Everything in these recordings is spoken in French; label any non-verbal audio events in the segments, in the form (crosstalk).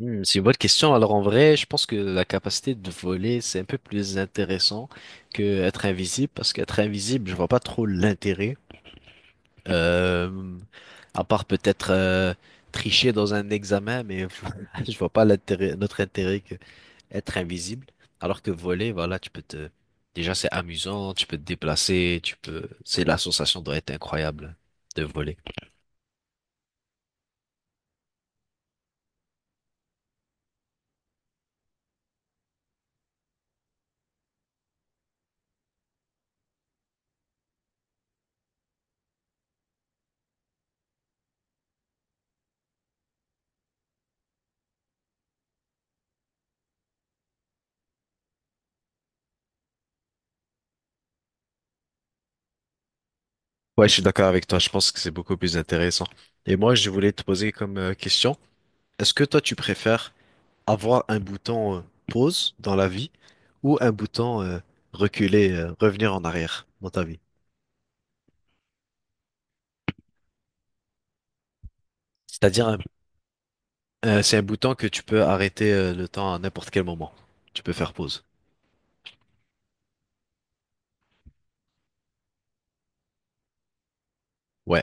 Hmm, c'est une bonne question. Alors en vrai, je pense que la capacité de voler, c'est un peu plus intéressant que être invisible, parce qu'être invisible, je vois pas trop l'intérêt. Euh, à part peut-être tricher dans un examen, mais (laughs) je vois pas l'intérêt, notre intérêt que être invisible. Alors que voler, voilà, tu peux te, déjà c'est amusant, tu peux te déplacer, tu peux, c'est la sensation doit être incroyable de voler. Ouais, je suis d'accord avec toi. Je pense que c'est beaucoup plus intéressant. Et moi, je voulais te poser comme question. Est-ce que toi, tu préfères avoir un bouton pause dans la vie ou un bouton reculer, revenir en arrière dans ta vie? C'est-à-dire, un- c'est un bouton que tu peux arrêter le temps à n'importe quel moment. Tu peux faire pause. Ouais,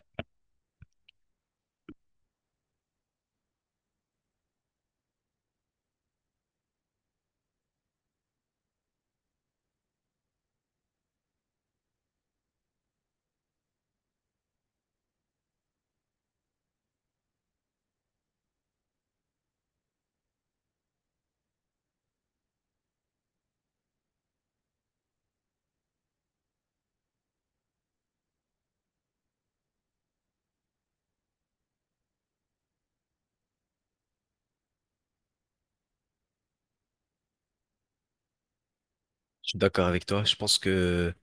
je suis d'accord avec toi. Je pense que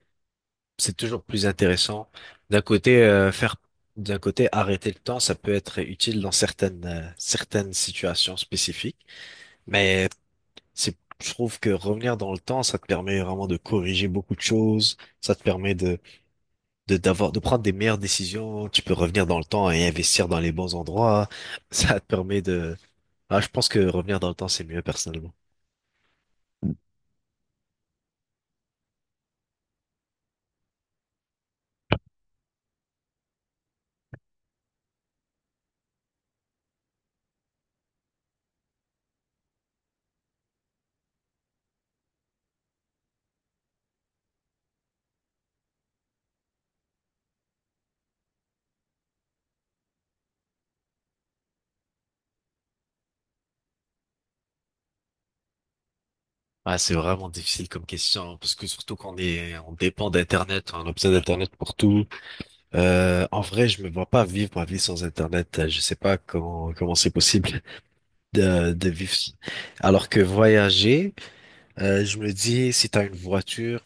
c'est toujours plus intéressant. D'un côté, d'un côté, arrêter le temps, ça peut être utile dans certaines situations spécifiques. Mais C'est, je trouve que revenir dans le temps, ça te permet vraiment de corriger beaucoup de choses. Ça te permet d'avoir, de prendre des meilleures décisions. Tu peux revenir dans le temps et investir dans les bons endroits. (laughs) Ça te permet de, ah, je pense que revenir dans le temps, c'est mieux personnellement. Ah, c'est vraiment difficile comme question, parce que surtout qu'on est, on dépend d'Internet, on a besoin d'Internet pour tout. En vrai, je me vois pas vivre ma vie sans Internet. Je sais pas comment c'est possible (laughs) de vivre. Alors que voyager, je me dis, si tu as une voiture,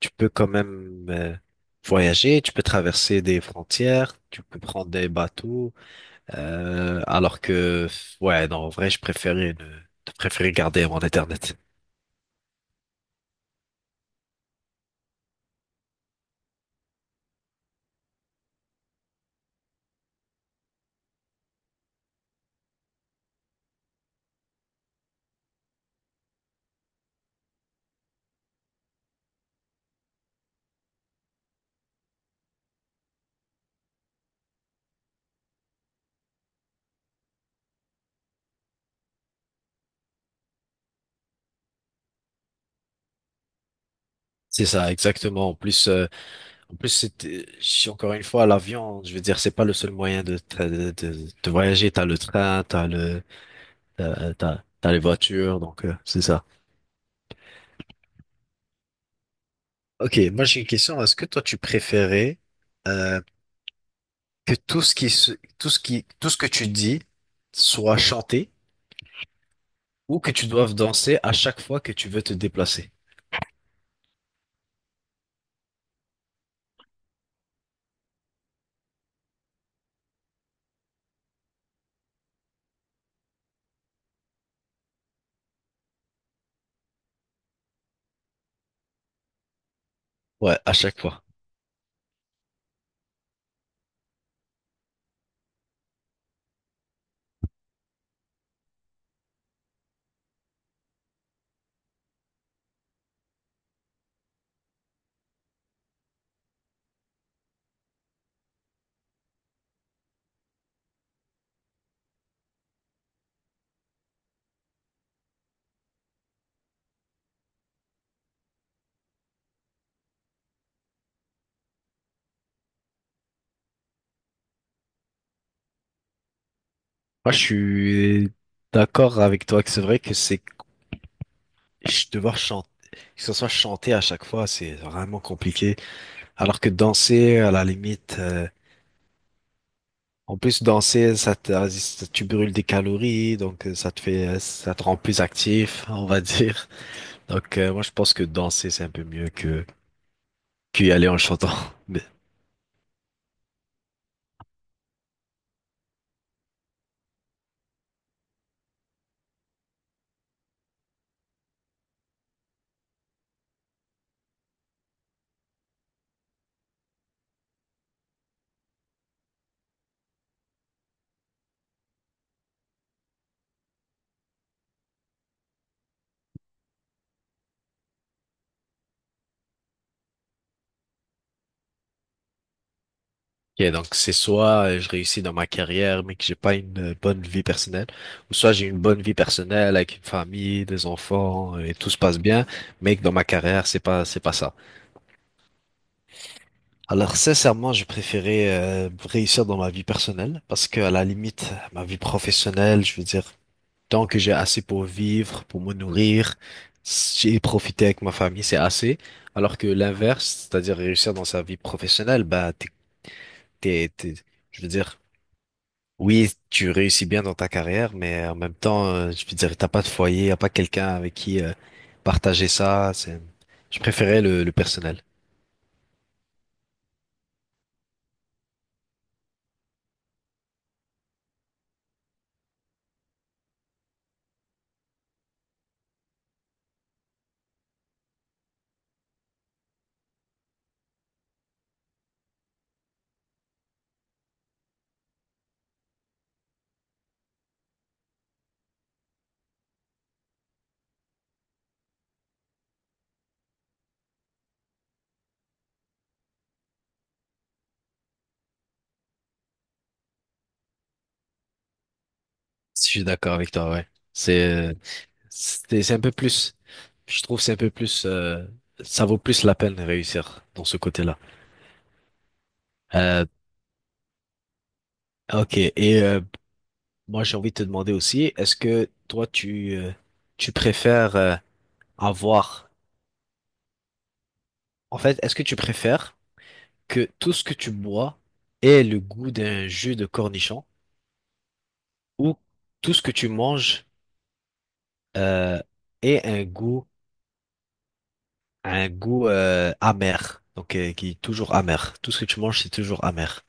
tu peux quand même voyager, tu peux traverser des frontières, tu peux prendre des bateaux. Alors que, ouais, non, en vrai, je préférais, ne, je préférais garder mon Internet. C'est ça, exactement. En plus, si encore une fois, l'avion, je veux dire, c'est pas le seul moyen de voyager. T'as le train, t'as le, t'as, t'as, t'as les voitures, donc c'est ça. Ok, moi j'ai une question. Est-ce que toi tu préférais euh, que tout ce que tu dis soit chanté ou que tu doives danser à chaque fois que tu veux te déplacer. Ouais, à chaque fois. Moi, je suis d'accord avec toi que c'est vrai que c'est devoir chanter, que ce soit chanté à chaque fois, c'est vraiment compliqué. Alors que danser, à la limite, en plus danser, tu brûles des calories, donc ça te fait, ça te rend plus actif, (laughs) on va dire. Donc, moi, je pense que danser, c'est un peu mieux que qu'y aller en chantant. (laughs) Ok, donc c'est soit je réussis dans ma carrière, mais que j'ai pas une bonne vie personnelle, ou soit j'ai une bonne vie personnelle avec une famille, des enfants, et tout se passe bien, mais que dans ma carrière, c'est pas ça. Alors sincèrement, je préférais réussir dans ma vie personnelle, parce que à la limite, ma vie professionnelle, je veux dire, tant que j'ai assez pour vivre, pour me nourrir, j'ai profité avec ma famille, c'est assez. Alors que l'inverse, c'est-à-dire réussir dans sa vie professionnelle, bah t'es, t'es- je veux dire. Oui, tu réussis bien dans ta carrière, mais en même temps, je veux dire, t'as pas de foyer, y a pas quelqu'un avec qui partager ça. Je préférais le personnel. Si Je suis d'accord avec toi, ouais. C'est, euh, c'est un peu plus. Je trouve c'est un peu plus. Ça vaut plus la peine de réussir dans ce côté-là. Euh, ok. Et moi, j'ai envie de te demander aussi, est-ce que toi, tu préfères avoir. En fait, est-ce que tu préfères que tout ce que tu bois ait le goût d'un jus de cornichon ou tout ce que tu manges euh, ait un un goût amer, donc qui est toujours amer. Tout ce que tu manges, c'est toujours amer.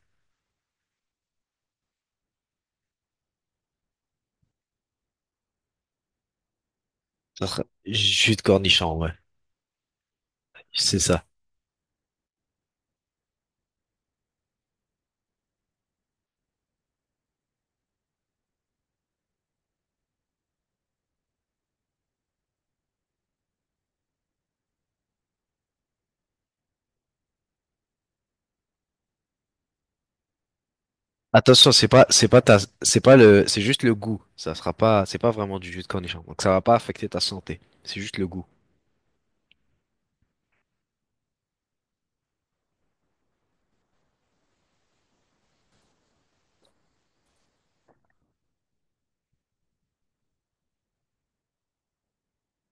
Alors, jus de cornichon, ouais, c'est ça. Attention, c'est juste le goût. Ça sera pas, c'est pas vraiment du jus de cornichon. Donc ça va pas affecter ta santé. C'est juste le goût.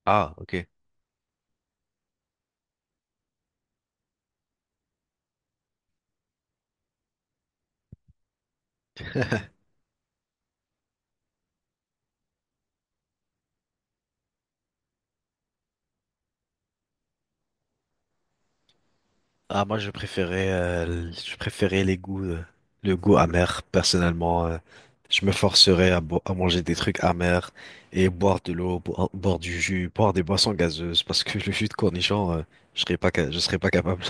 Ah, ok. Ah, moi, je préférais les goûts, le goût amer, personnellement. Je me forcerais à à manger des trucs amers et boire de l'eau, boire du jus, boire des boissons gazeuses, parce que (laughs) le jus de cornichon, je serais pas capable.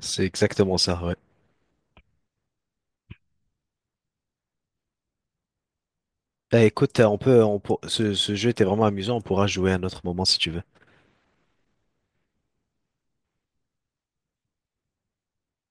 C'est exactement ça, ouais. Eh, écoute, on peut, on pour- ce jeu était vraiment amusant, on pourra jouer à un autre moment si tu veux.